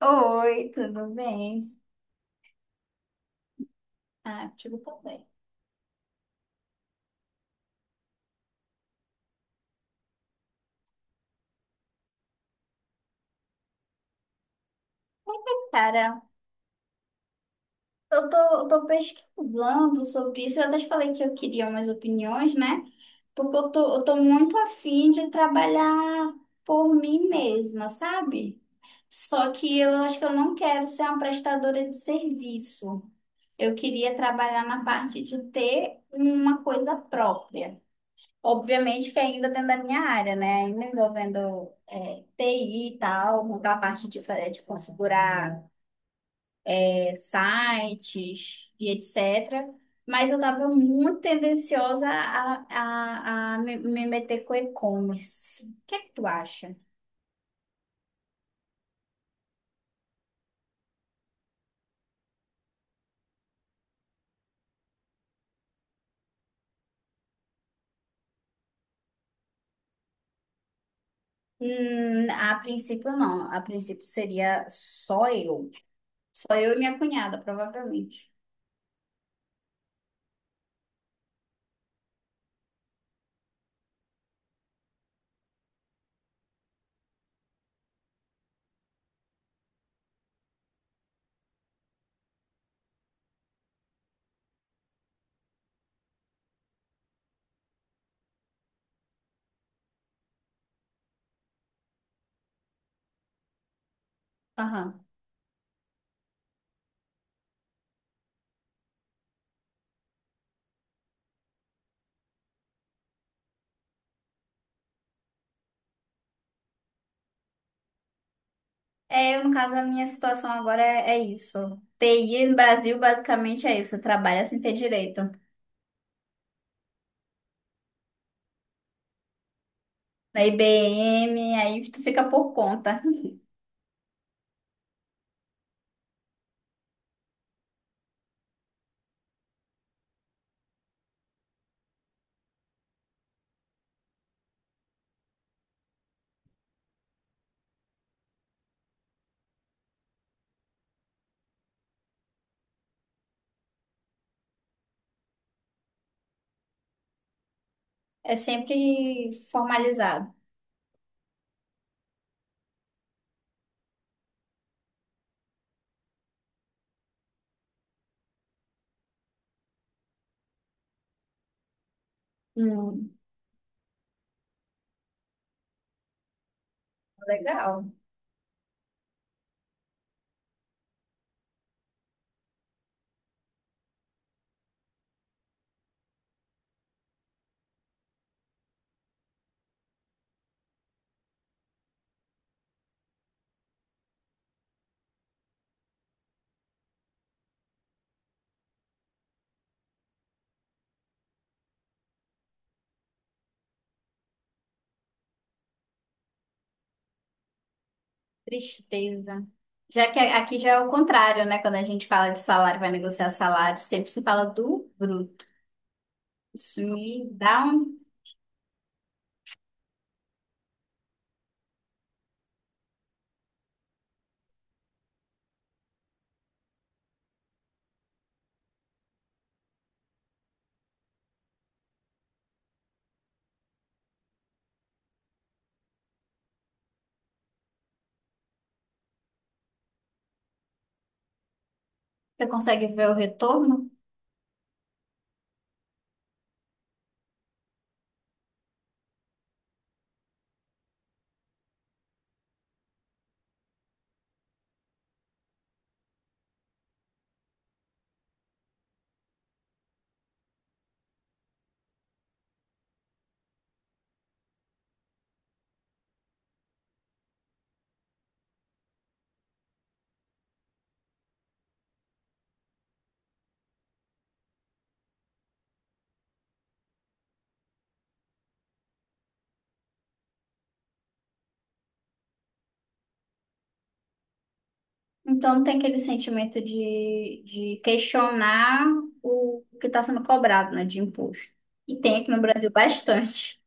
Oi, tudo bem? Ah, tudo também. Cara, eu tô, eu tô pesquisando sobre isso. Eu até te falei que eu queria umas opiniões, né? Porque eu tô muito afim de trabalhar por mim mesma, sabe? Só que eu acho que eu não quero ser uma prestadora de serviço. Eu queria trabalhar na parte de ter uma coisa própria. Obviamente que ainda dentro da minha área, né? Ainda envolvendo TI e tal, montar a parte de, de configurar sites e etc. Mas eu estava muito tendenciosa a me meter com e-commerce. O que é que tu acha? A princípio, não. A princípio seria só eu. Só eu e minha cunhada, provavelmente. Aham. É, eu, no caso, a minha situação agora é isso. TI no Brasil basicamente é isso, trabalha sem ter direito. Na IBM, aí tu fica por conta. É sempre formalizado. Hum, legal. Tristeza. Já que aqui já é o contrário, né? Quando a gente fala de salário, vai negociar salário, sempre se fala do bruto. Isso me dá um. Você consegue ver o retorno? Então tem aquele sentimento de questionar o que está sendo cobrado, né, de imposto. E tem aqui no Brasil bastante.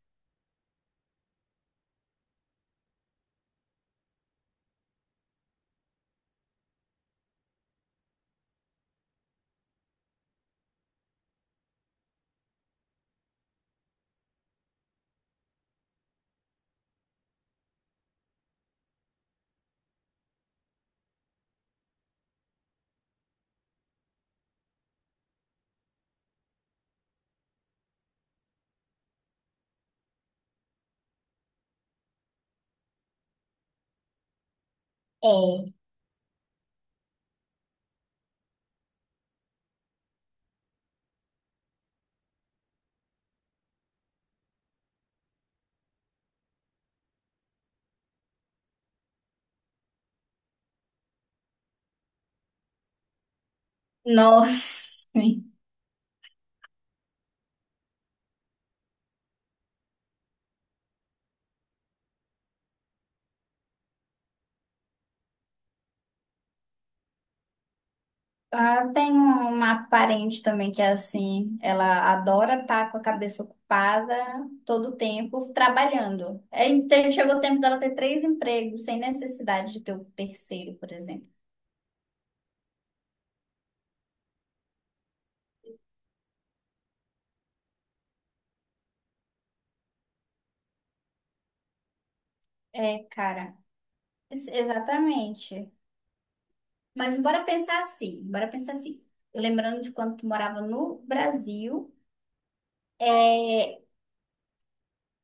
É. Nossa. Sim. Ah, tem uma parente também que é assim, ela adora estar com a cabeça ocupada todo o tempo trabalhando. É, então chegou o tempo dela ter três empregos sem necessidade de ter o terceiro, por exemplo. É, cara, exatamente. Mas bora pensar assim, bora pensar assim. Lembrando de quando tu morava no Brasil, é,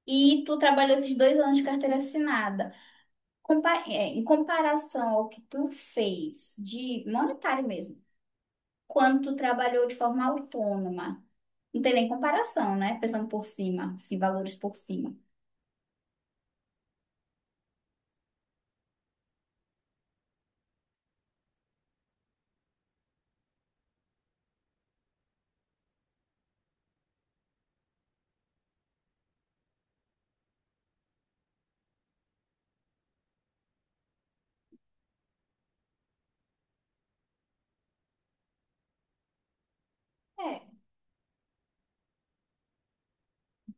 e tu trabalhou esses 2 anos de carteira assinada. Em comparação ao que tu fez de monetário mesmo, quando tu trabalhou de forma autônoma, não tem nem comparação, né? Pensando por cima, assim, valores por cima. É,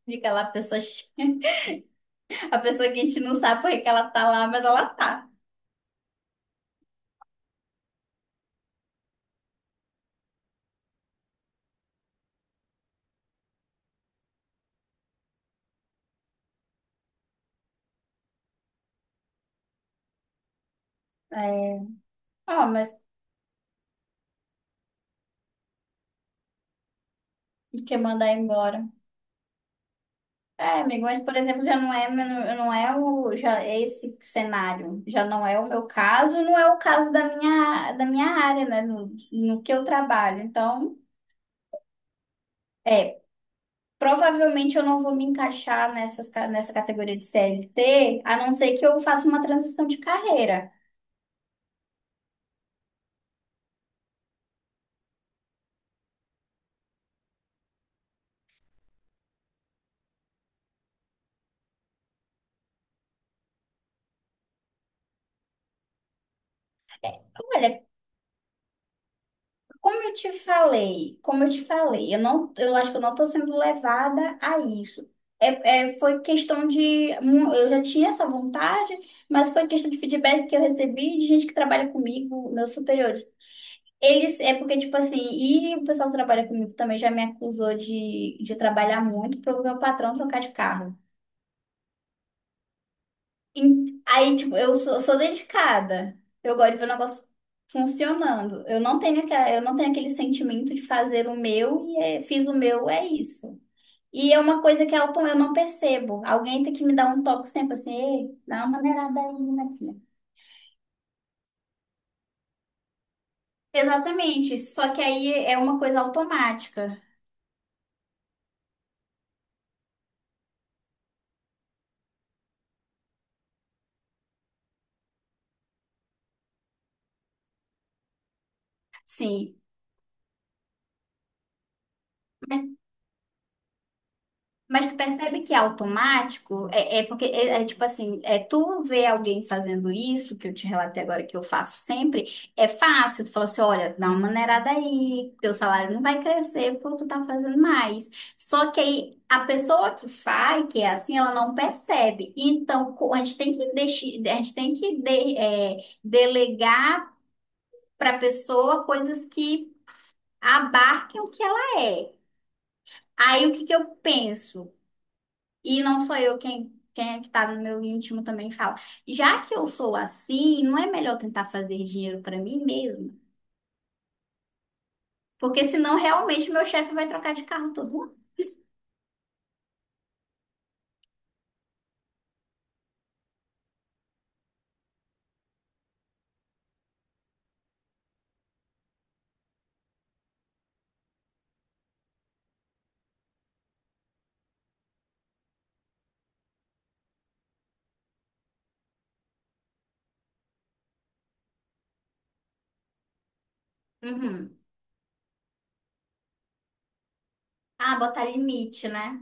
fica lá a pessoa, a pessoa que a gente não sabe por que que ela tá lá, mas ela tá. É. Ó, mas quer mandar embora. É, amigo, mas por exemplo, já não é, não é o, já é esse cenário, já não é o meu caso, não é o caso da minha área, né, no que eu trabalho. Então, é, provavelmente eu não vou me encaixar nessa categoria de CLT, a não ser que eu faça uma transição de carreira. Olha. Como eu te falei, eu não, eu acho que eu não estou sendo levada a isso. É, é, foi questão de, eu já tinha essa vontade, mas foi questão de feedback que eu recebi de gente que trabalha comigo, meus superiores. Eles, é porque, tipo assim, e o pessoal que trabalha comigo também já me acusou de trabalhar muito para o meu patrão trocar de carro. Aí, tipo, eu sou dedicada. Eu gosto de ver o negócio funcionando. Eu não tenho aquela, eu não tenho aquele sentimento de fazer o meu e fiz o meu, é isso. E é uma coisa que Elton, eu não percebo. Alguém tem que me dar um toque sempre assim, ei, dá uma maneirada aí, minha filha. Exatamente. Só que aí é uma coisa automática. Sim. Mas tu percebe que é automático? É, porque, é tipo assim, é tu ver alguém fazendo isso, que eu te relatei agora que eu faço sempre, é fácil. Tu fala assim, olha, dá uma maneirada aí, teu salário não vai crescer porque tu tá fazendo mais. Só que aí, a pessoa que faz, que é assim, ela não percebe. Então, a gente tem que a gente tem que delegar para pessoa coisas que abarquem o que ela é. Aí, o que que eu penso? E não sou eu quem é que tá no meu íntimo também fala. Já que eu sou assim, não é melhor tentar fazer dinheiro pra mim mesma? Porque senão realmente meu chefe vai trocar de carro todo ano. Uhum. Ah, botar limite, né?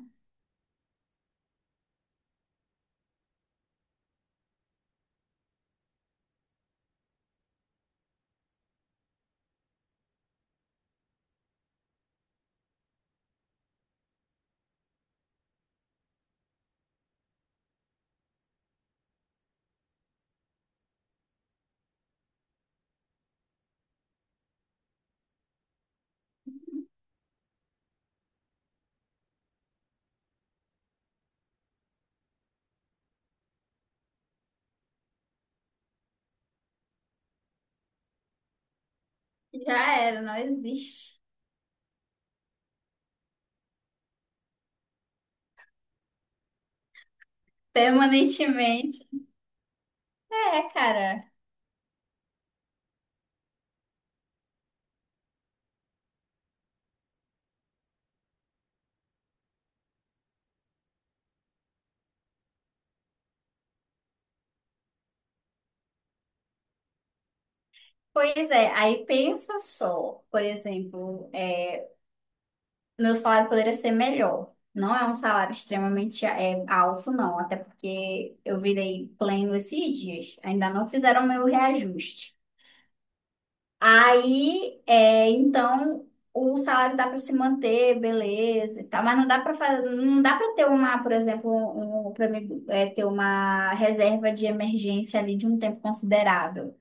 Já era, não existe. Permanentemente. É, cara. Pois é, aí pensa só, por exemplo, meu salário poderia ser melhor. Não é um salário extremamente alto, não. Até porque eu virei pleno esses dias. Ainda não fizeram meu reajuste. Aí, então, o salário dá para se manter, beleza, e tal, mas não dá para fazer, não dá para ter uma, por exemplo, um, para mim, ter uma reserva de emergência ali de um tempo considerável.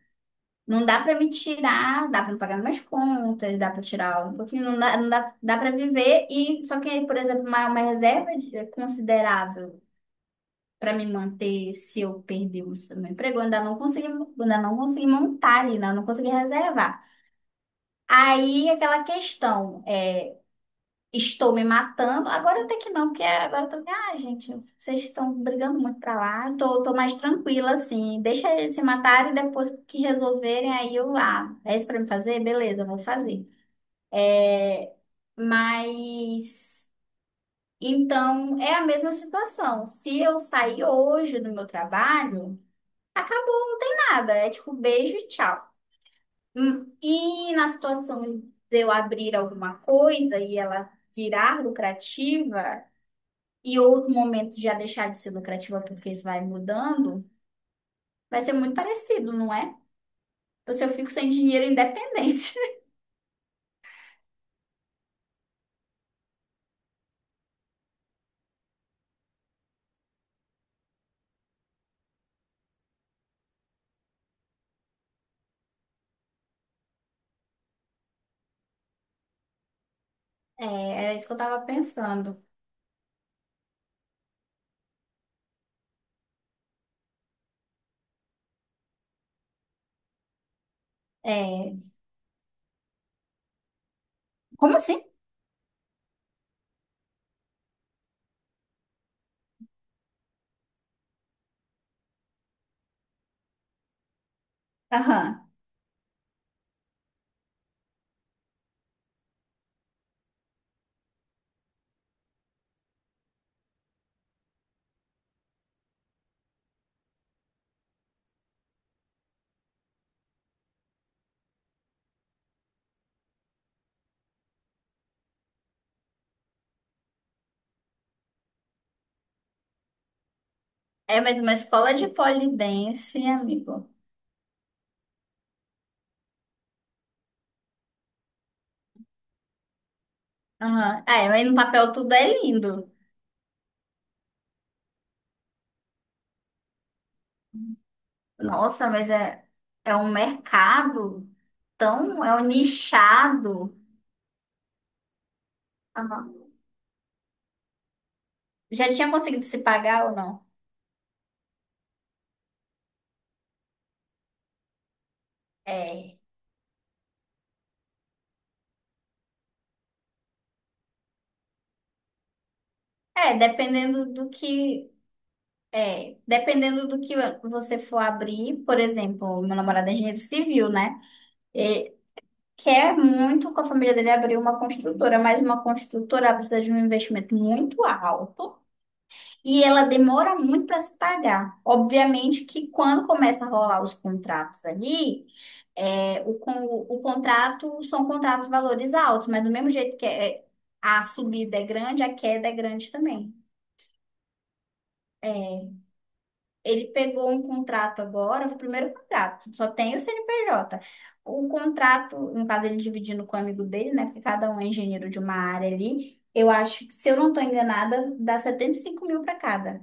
Não dá para me tirar, dá para pagar minhas contas, dá para tirar um pouquinho, não dá, não dá, dá para viver e só que, por exemplo, uma reserva considerável para me manter se eu perder meu emprego, eu ainda não consegui montar ali, né? Eu não consegui reservar. Aí aquela questão, estou me matando. Agora até que não, porque agora eu tô, ah, gente, vocês estão brigando muito pra lá. Eu tô mais tranquila, assim. Deixa eles se matarem, depois que resolverem, aí eu, ah, é isso pra me fazer? Beleza, eu vou fazer. Mas, então, é a mesma situação. Se eu sair hoje do meu trabalho, acabou, não tem nada. É tipo, beijo e tchau. E na situação de eu abrir alguma coisa e ela virar lucrativa, e outro momento já deixar de ser lucrativa porque isso vai mudando, vai ser muito parecido, não é? Ou se eu fico sem dinheiro independente. É, era isso que eu tava pensando. É, como assim? Aham. É, mas uma escola de pole dance, amigo. Aham. Ah, é, mas no papel tudo é lindo. Nossa, mas é um mercado é um nichado. Aham. Já tinha conseguido se pagar ou não? É. É, dependendo do que Dependendo do que você for abrir, por exemplo, meu namorado é engenheiro civil, né? E quer muito com a família dele abrir uma construtora, mas uma construtora precisa de um investimento muito alto e ela demora muito para se pagar. Obviamente que quando começa a rolar os contratos ali, o contrato são contratos valores altos, mas do mesmo jeito que a subida é grande, a queda é grande também. Ele pegou um contrato agora, foi o primeiro contrato, só tem o CNPJ. O contrato, no caso, ele dividindo com o amigo dele, né? Porque cada um é engenheiro de uma área ali. Eu acho que, se eu não estou enganada, dá 75 mil para cada.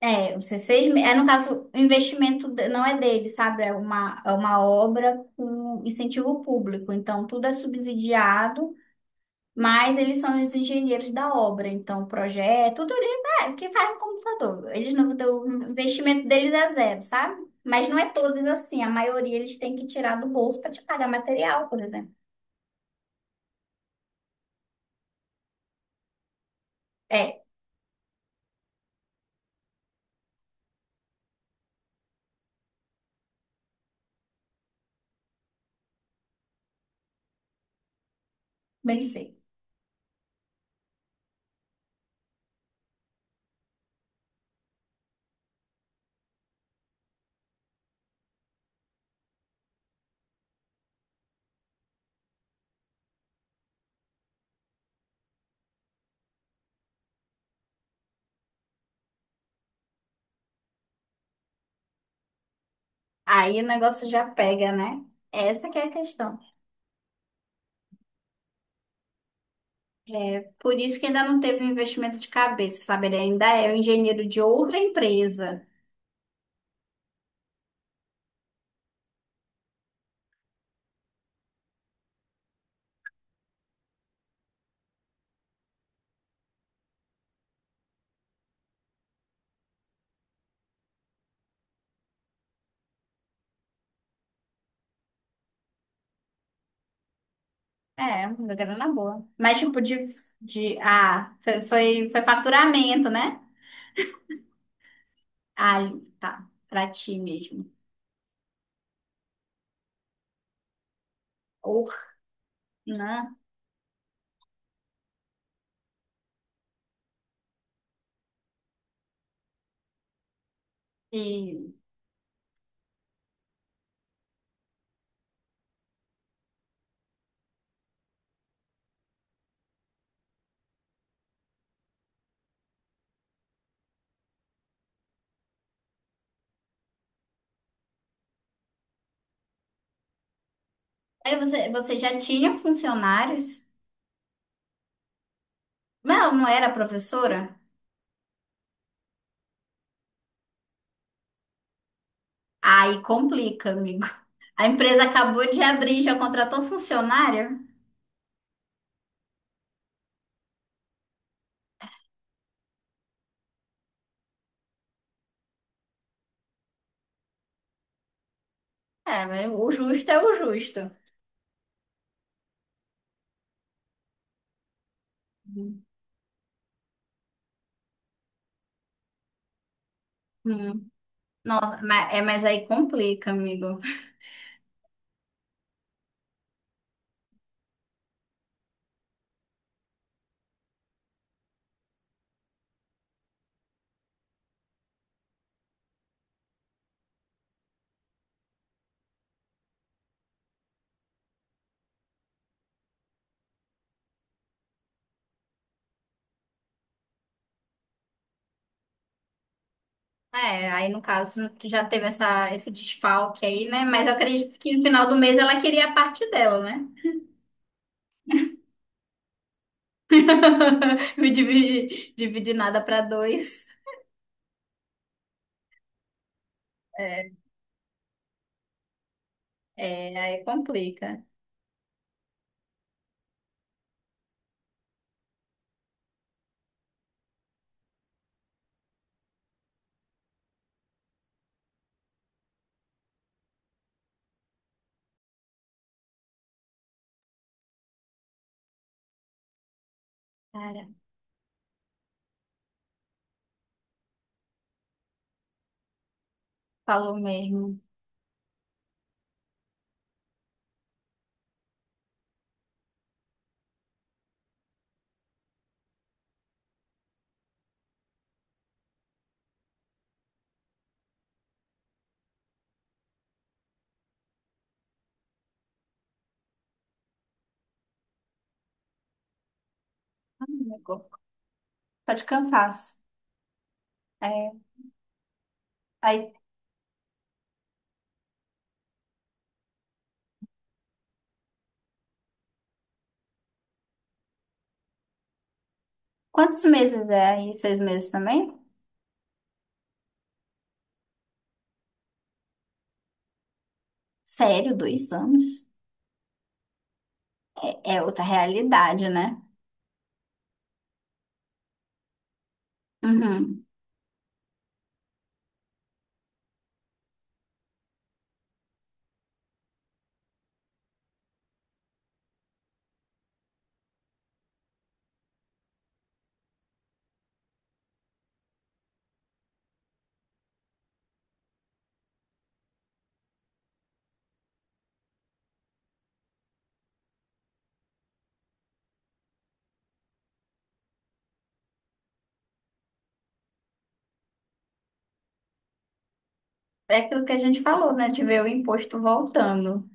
No caso, o investimento não é dele, sabe? É uma obra com incentivo público. Então, tudo é subsidiado. Mas eles são os engenheiros da obra, então projeto, tudo ali o que faz no computador. Eles não, o investimento deles é zero, sabe? Mas não é todos assim, a maioria eles têm que tirar do bolso para te pagar material, por exemplo. É, bem sei. Aí o negócio já pega, né? Essa que é a questão. É por isso que ainda não teve um investimento de cabeça, sabe? Ele ainda é o engenheiro de outra empresa. É, uma grana boa. Mas tipo de foi faturamento, né? Alho, tá? Pra ti mesmo. Or, né? E aí você já tinha funcionários, mas ela não era professora? Aí complica, amigo. A empresa acabou de abrir, já contratou funcionário? É, mas o justo é o justo. Hum. Nossa, mas aí complica, amigo. É, aí no caso já teve esse desfalque aí, né? Mas eu acredito que no final do mês ela queria a parte dela, né? Me dividir, dividir nada para dois. É, é, aí complica. Cara, falou mesmo. Ai, meu corpo. Só de cansaço. É, aí, quantos meses é aí? 6 meses também? Sério, 2 anos? É outra realidade, né? Uhum. É aquilo que a gente falou, né? De ver o imposto voltando.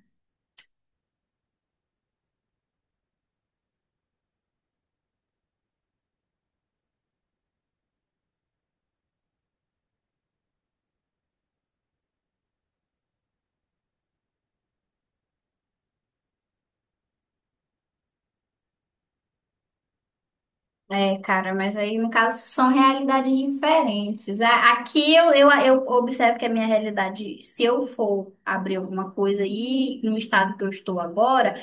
É, cara, mas aí, no caso, são realidades diferentes. Aqui eu observo que a minha realidade, se eu for abrir alguma coisa aí no estado que eu estou agora,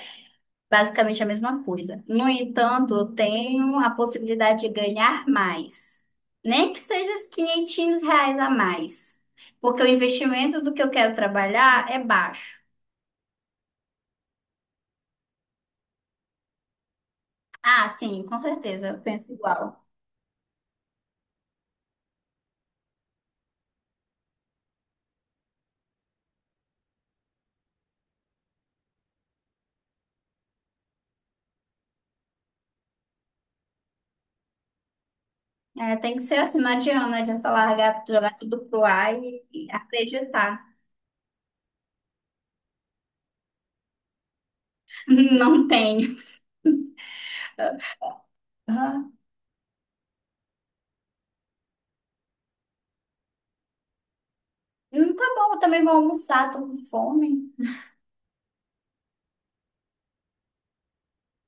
basicamente a mesma coisa. No entanto, eu tenho a possibilidade de ganhar mais. Nem que seja os R$ 500 a mais. Porque o investimento do que eu quero trabalhar é baixo. Ah, sim, com certeza, eu penso igual. É, tem que ser assim, não adianta, não adianta largar, jogar tudo pro ar e acreditar. Não tenho. Aham. Tá bom, eu também vou almoçar, tô com fome.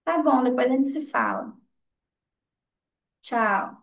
Tá bom, depois a gente se fala. Tchau.